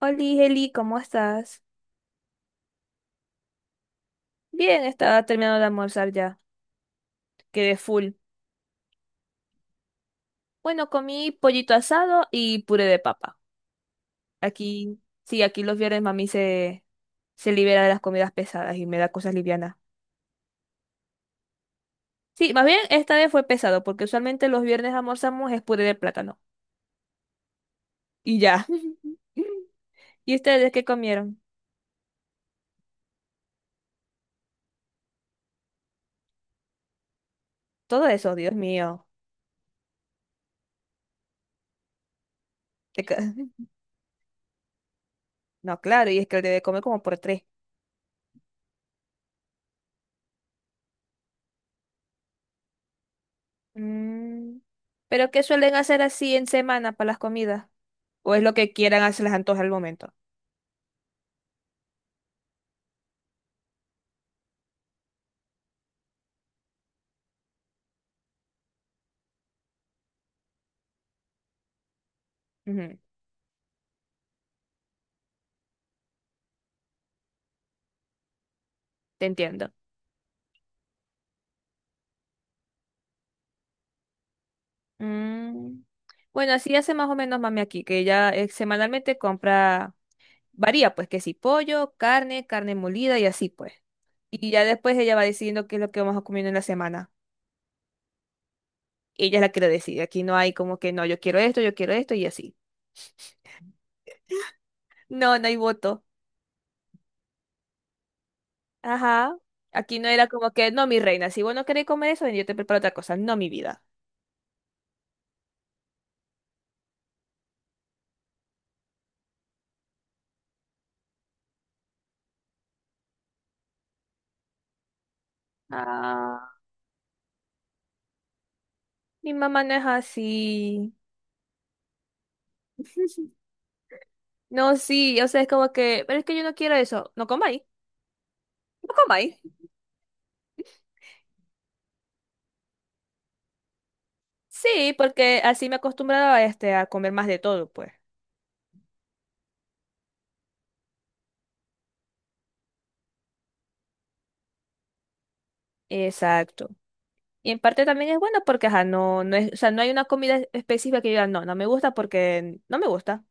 Oli, Heli, ¿cómo estás? Bien, estaba terminando de almorzar ya. Quedé full. Bueno, comí pollito asado y puré de papa. Aquí, sí, aquí los viernes mami se libera de las comidas pesadas y me da cosas livianas. Sí, más bien esta vez fue pesado, porque usualmente los viernes almorzamos es puré de plátano. Y ya. ¿Y ustedes qué comieron? Todo eso, Dios mío. Te ca- No, claro, y es que debe comer como por tres. Mm, ¿pero qué suelen hacer así en semana para las comidas? O es lo que quieran hacer las antojas al momento. Ujú, te entiendo. Mm, bueno, así hace más o menos mami aquí, que ella semanalmente compra, varía pues, que si pollo, carne, carne molida y así pues. Y ya después ella va decidiendo qué es lo que vamos a comer en la semana. Ella es la que lo decide. Aquí no hay como que no, yo quiero esto y así. No, no hay voto. Ajá. Aquí no era como que, no, mi reina, si vos no querés comer eso, ven, yo te preparo otra cosa. No, mi vida. Ah, mi mamá no es así. No, sí, o sea, es como que, pero es que yo no quiero eso. No comáis, no comáis. Sí, porque así me he acostumbrado a, este, a comer más de todo, pues. Exacto. Y en parte también es bueno porque, ajá, no, no es, o sea, no hay una comida específica que yo diga, no, no me gusta porque no me gusta.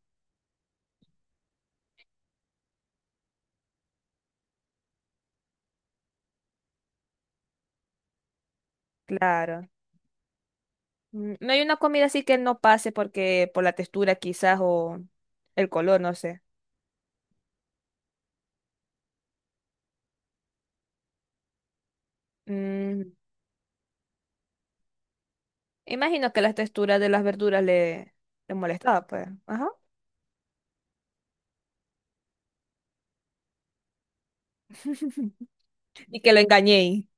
Claro. Mm, no hay una comida así que no pase porque, por la textura quizás o el color, no sé. Mm, imagino que las texturas de las verduras le, le molestaba, pues. Ajá. Y que lo engañé.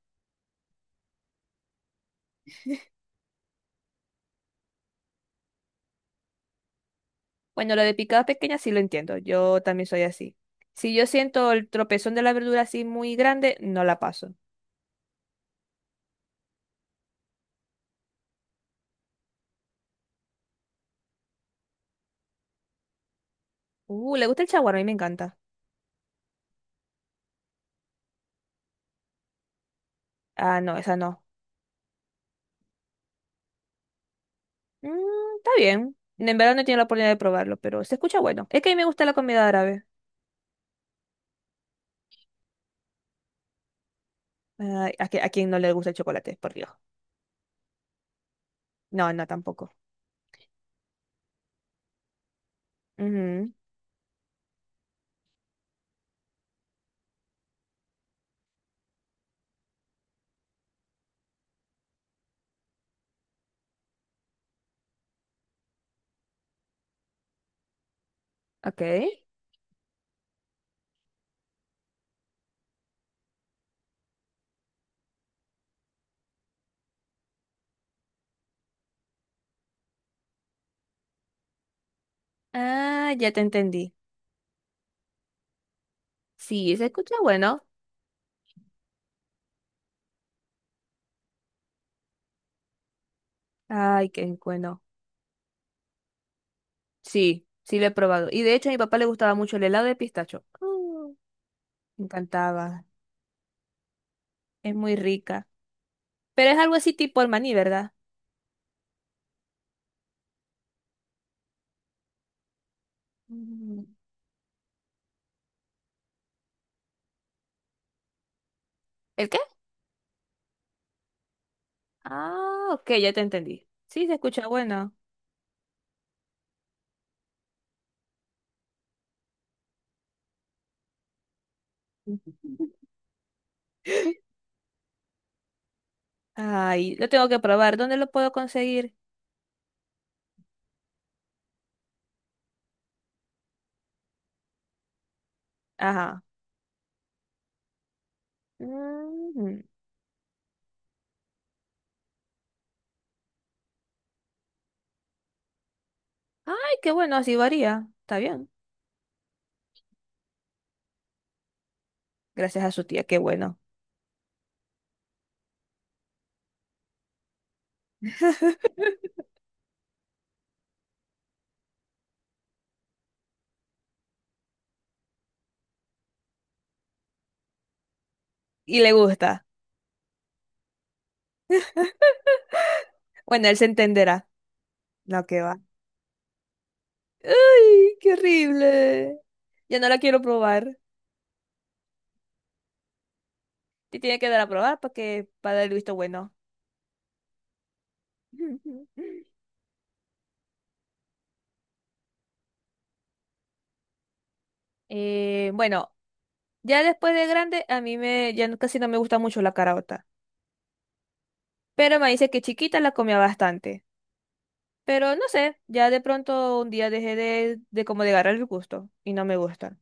Bueno, lo de picadas pequeñas sí lo entiendo, yo también soy así. Si yo siento el tropezón de la verdura así muy grande, no la paso. ¿Le gusta el chaguar? A mí me encanta. Ah, no, esa no. Mm, está bien. En verdad no he tenido la oportunidad de probarlo, pero se escucha bueno. Es que a mí me gusta la comida árabe. Ay, ¿a, qui- a quién no le gusta el chocolate? Por Dios. No, no, tampoco. Ujú, ok. Ah, ya te entendí. Sí, se escucha bueno. Ay, qué bueno. Sí, sí lo he probado. Y de hecho a mi papá le gustaba mucho el helado de pistacho. Mm, me encantaba. Es muy rica. Pero es algo así tipo el maní, ¿verdad? Mm. ¿El qué? Ah, ok, ya te entendí. Sí, se escucha bueno. Ay, lo tengo que probar. ¿Dónde lo puedo conseguir? Ajá. Mm. Ay, qué bueno, así varía. Está bien. Gracias a su tía, qué bueno. Y le gusta. Bueno, él se entenderá. No, que va. ¡Ay, qué horrible! Ya no la quiero probar. Te tiene que dar a probar para que para dar el visto bueno. Bueno, ya después de grande, a mí me, ya no- casi no me gusta mucho la caraota. Pero me dice que chiquita la comía bastante. Pero no sé, ya de pronto un día dejé de como de agarrar el gusto y no me gusta.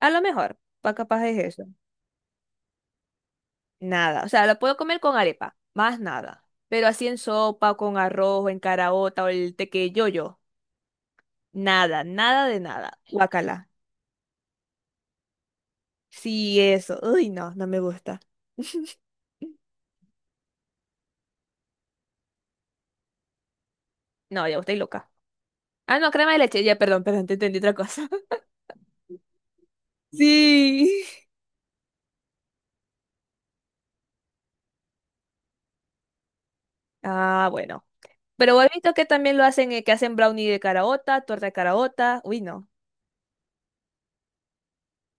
A lo mejor, pa capaz es eso. Nada, o sea, la puedo comer con arepa, más nada. Pero así en sopa, con arroz, o en caraota o el tequeyoyo, nada, nada de nada. Guacala. Sí, eso. Uy, no, no me gusta. No, ya estoy loca. Ah, no, crema de leche, ya, perdón, perdón, te entendí otra cosa. Sí. Ah, bueno. Pero he visto que también lo hacen, que hacen brownie de caraota, torta de caraota. Uy, no.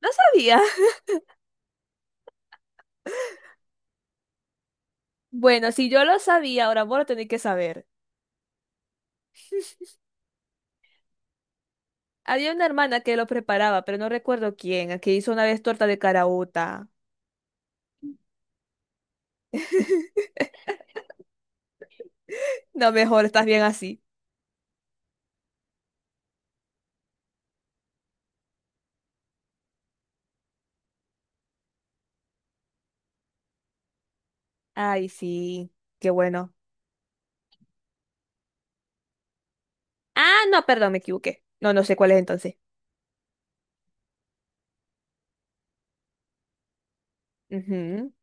No sabía. Bueno, si yo lo sabía, ahora vos lo tenés que saber. Había una hermana que lo preparaba, pero no recuerdo quién, que hizo una vez torta de caraota. No, mejor, estás bien así. Ay, sí, qué bueno. Ah, no, perdón, me equivoqué. No, no sé cuál es entonces. Ujú.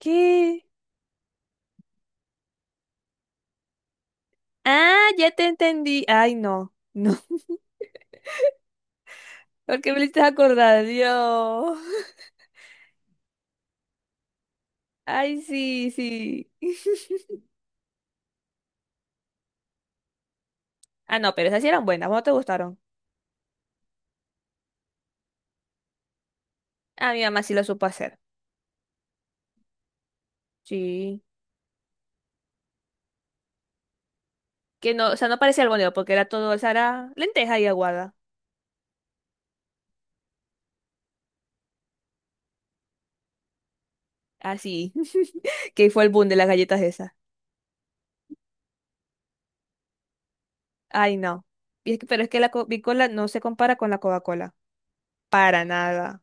¿Qué? Ah, ya te entendí. Ay, no, no. Porque me hiciste acordar, Dios. Ay, sí, sí. Ah, no, pero esas sí eran buenas, ¿cómo te gustaron? A mi mamá sí lo supo hacer. Sí. Que no, o sea, no parecía albóndiga porque era todo, o sea, era lenteja y aguada. Así. Que fue el boom de las galletas esas. Ay, no. Y es que pero es que la Bicola no se compara con la Coca-Cola. Para nada.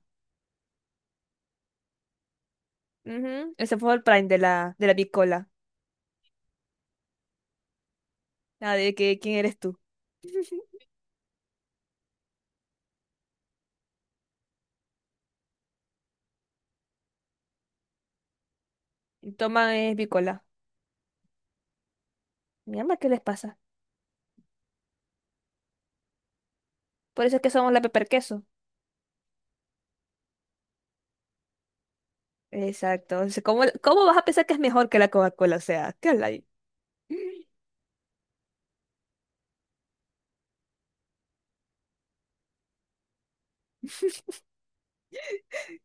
Ujú, ese fue el prime de la Bicola. La de que, ¿quién eres tú? Y Toma es Bicola. Mi mamá, ¿qué les pasa? Por eso es que somos la Pepper Queso. Exacto. O sea, ¿cómo, cómo vas a pensar que es mejor que la Coca-Cola? O sea, ¿qué habla? Que,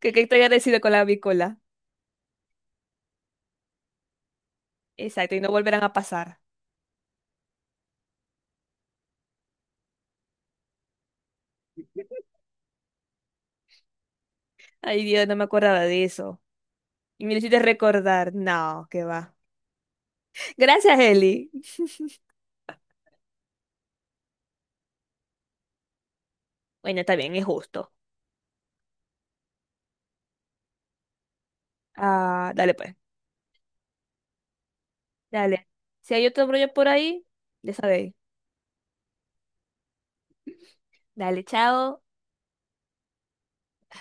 que estoy agradecido con la bicola. Exacto, y no volverán a pasar. Ay, Dios, no me acordaba de eso. Y me lo hiciste recordar. No, qué va. Gracias, Eli. Bueno, está bien, es justo. Ah, dale pues. Dale. Si hay otro brollo por ahí, ya sabéis. Dale, chao.